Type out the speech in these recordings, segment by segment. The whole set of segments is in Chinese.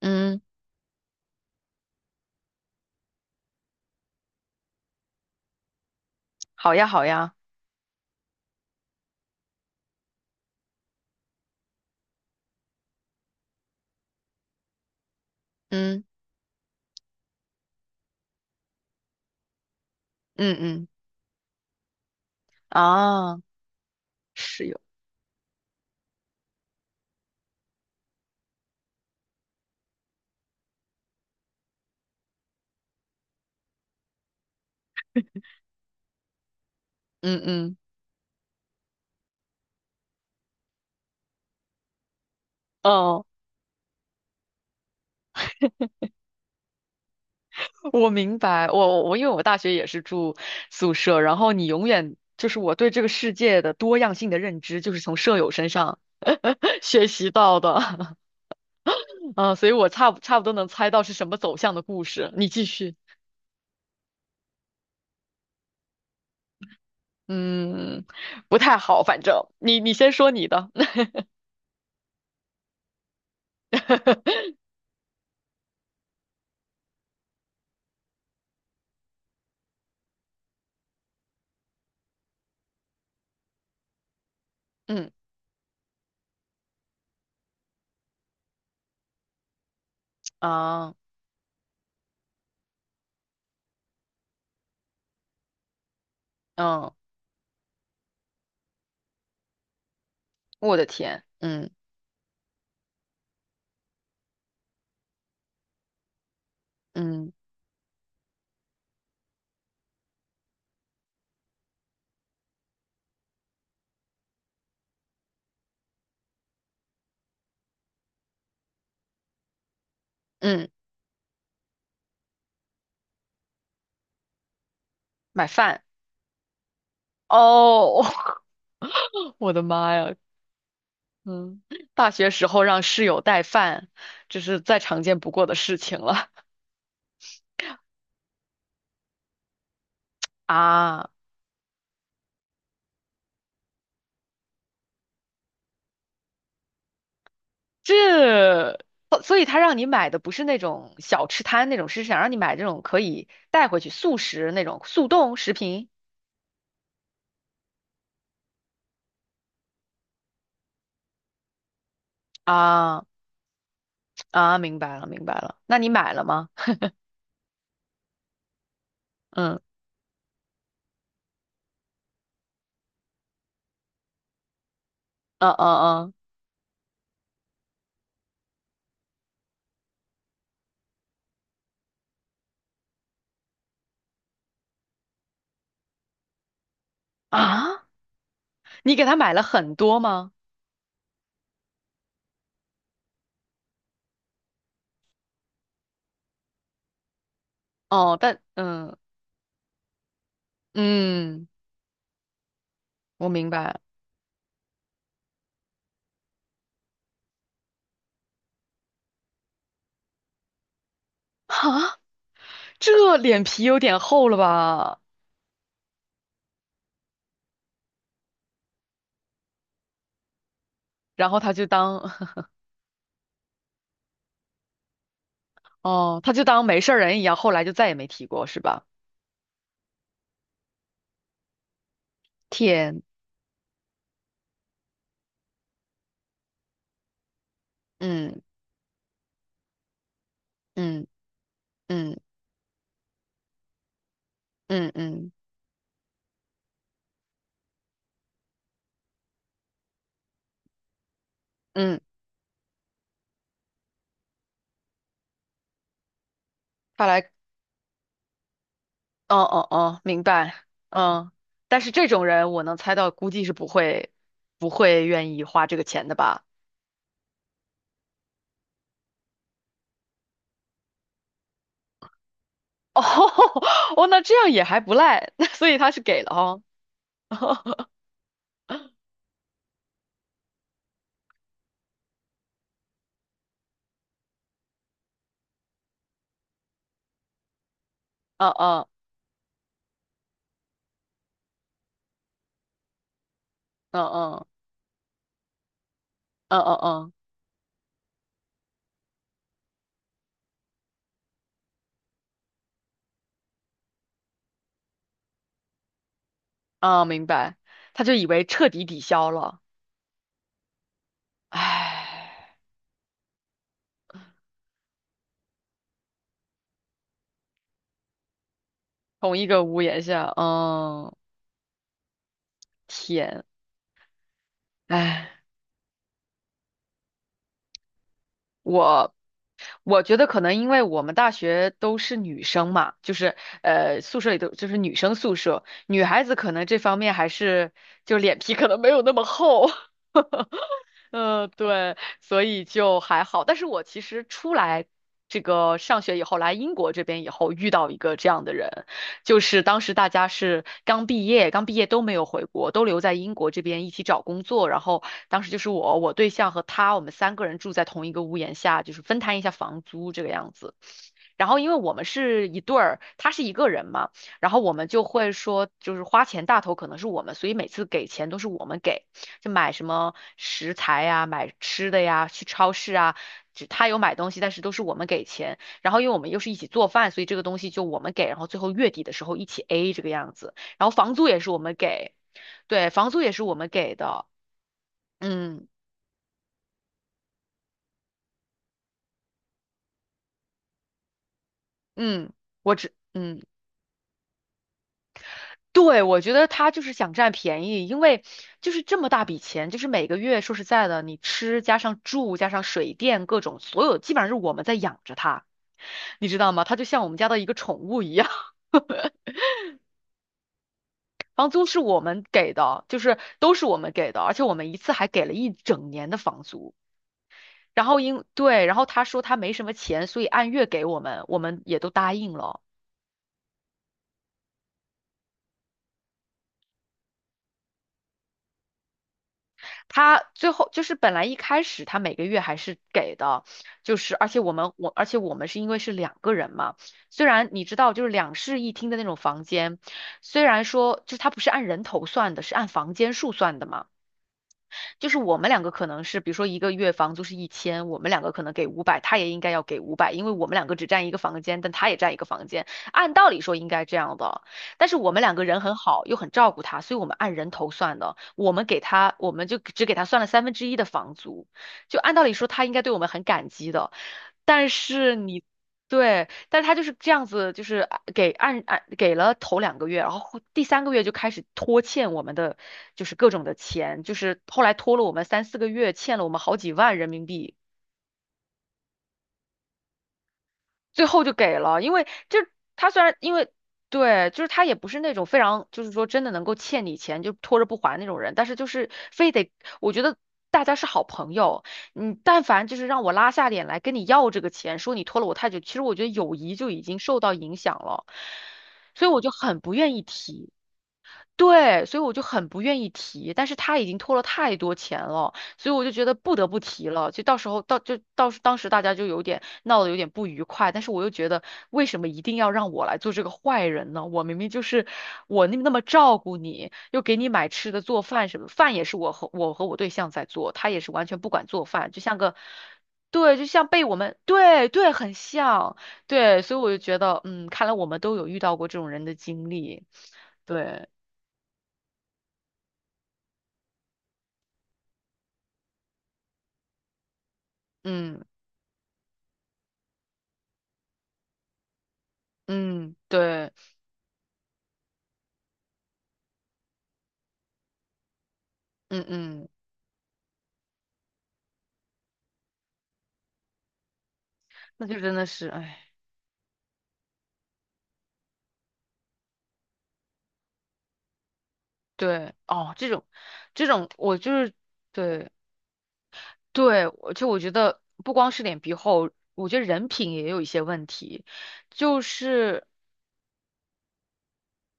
嗯。好呀，好呀。嗯嗯嗯。啊，室友。嗯嗯。哦，我明白。我因为我大学也是住宿舍，然后你永远就是我对这个世界的多样性的认知，就是从舍友身上 学习到的。啊，所以我差不多能猜到是什么走向的故事。你继续。嗯，不太好，反正你先说你的。嗯。啊。嗯。嗯，我的天。嗯嗯嗯。买饭。哦。我的妈呀。嗯。大学时候让室友带饭，这是再常见不过的事情了。 啊。这，哦，所以他让你买的不是那种小吃摊那种，是想让你买这种可以带回去速食那种速冻食品啊。啊，明白了明白了。那你买了吗？嗯嗯嗯嗯。啊，你给他买了很多吗？哦。但嗯，我明白。哈，这脸皮有点厚了吧？然后他就当 哦，他就当没事儿人一样，后来就再也没提过，是吧？天。嗯嗯嗯嗯嗯嗯。看来。哦哦哦，明白。嗯，但是这种人我能猜到，估计是不会愿意花这个钱的吧？哦 哦，那这样也还不赖。所以他是给了哦。嗯嗯嗯嗯嗯嗯嗯嗯。明白，他就以为彻底抵消了。唉。同一个屋檐下，嗯。天。哎，我我觉得可能因为我们大学都是女生嘛，就是宿舍里都就是女生宿舍，女孩子可能这方面还是就脸皮可能没有那么厚。嗯，对，所以就还好。但是我其实出来这个上学以后，来英国这边以后，遇到一个这样的人，就是当时大家是刚毕业，刚毕业都没有回国，都留在英国这边一起找工作。然后当时就是我对象和他，我们三个人住在同一个屋檐下，就是分摊一下房租这个样子。然后因为我们是一对儿，他是一个人嘛，然后我们就会说，就是花钱大头可能是我们，所以每次给钱都是我们给。就买什么食材呀、买吃的呀，去超市啊，只他有买东西，但是都是我们给钱。然后因为我们又是一起做饭，所以这个东西就我们给，然后最后月底的时候一起 A 这个样子。然后房租也是我们给，对，房租也是我们给的。嗯嗯，我只嗯。对，我觉得他就是想占便宜，因为就是这么大笔钱，就是每个月说实在的，你吃加上住加上水电各种，所有基本上是我们在养着他，你知道吗？他就像我们家的一个宠物一样。房租是我们给的，就是都是我们给的，而且我们一次还给了一整年的房租。然后因，对，然后他说他没什么钱，所以按月给我们，我们也都答应了。他最后就是本来一开始他每个月还是给的，就是而且我们是因为是两个人嘛，虽然你知道就是两室一厅的那种房间，虽然说就是它不是按人头算的，是按房间数算的嘛。就是我们两个可能是，比如说一个月房租是1000，我们两个可能给五百，他也应该要给五百，因为我们两个只占一个房间，但他也占一个房间，按道理说应该这样的。但是我们两个人很好，又很照顾他，所以我们按人头算的，我们给他，我们就只给他算了三分之一的房租，就按道理说他应该对我们很感激的，但是你。对，但他就是这样子，就是啊给按给了头两个月，然后第三个月就开始拖欠我们的，就是各种的钱，就是后来拖了我们三四个月，欠了我们好几万人民币。最后就给了，因为就是他虽然因为对，就是他也不是那种非常就是说真的能够欠你钱就拖着不还那种人，但是就是非得我觉得大家是好朋友，你但凡就是让我拉下脸来跟你要这个钱，说你拖了我太久，其实我觉得友谊就已经受到影响了，所以我就很不愿意提。对，所以我就很不愿意提，但是他已经拖了太多钱了，所以我就觉得不得不提了。就到时候到就到时当时大家就有点闹得有点不愉快，但是我又觉得为什么一定要让我来做这个坏人呢？我明明就是我那么照顾你，又给你买吃的做饭什么，饭也是我和我对象在做，他也是完全不管做饭，就像个。对，就像被我们。对对，很像。对，所以我就觉得，嗯，看来我们都有遇到过这种人的经历。对。嗯嗯。对。嗯嗯。那就真的是，哎，对，哦，这种。这种，我就是。对对，我觉得不光是脸皮厚，我觉得人品也有一些问题，就是。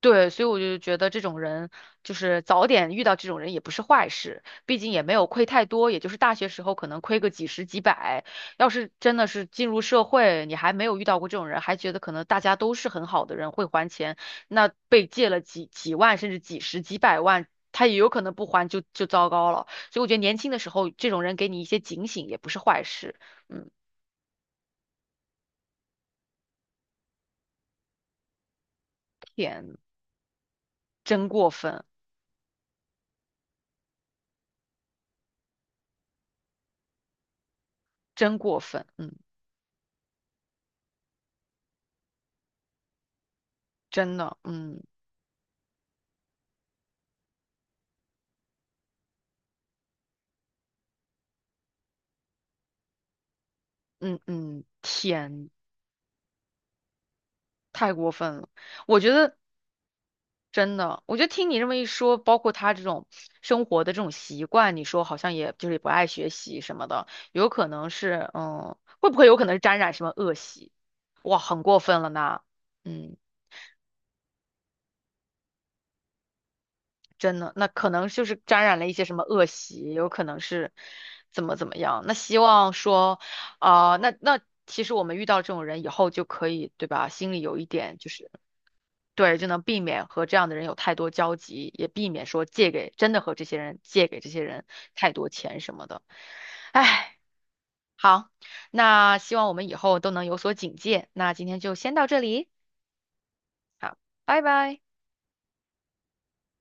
对，所以我就觉得这种人，就是早点遇到这种人也不是坏事，毕竟也没有亏太多，也就是大学时候可能亏个几十几百。要是真的是进入社会，你还没有遇到过这种人，还觉得可能大家都是很好的人，会还钱，那被借了几万甚至几十几百万，他也有可能不还就糟糕了。所以我觉得年轻的时候，这种人给你一些警醒也不是坏事。嗯。天。真过分。真过分。嗯。真的。嗯。嗯嗯。天。太过分了。我觉得真的，我觉得听你这么一说，包括他这种生活的这种习惯，你说好像也就是不爱学习什么的，有可能是，嗯，会不会有可能是沾染什么恶习？哇，很过分了呢。嗯。真的，那可能就是沾染了一些什么恶习，有可能是怎么样。那希望说，啊，那那其实我们遇到这种人以后就可以，对吧？心里有一点就是，对，就能避免和这样的人有太多交集，也避免说借给真的和这些人借给这些人太多钱什么的。唉。好。那希望我们以后都能有所警戒。那今天就先到这里。好。拜拜。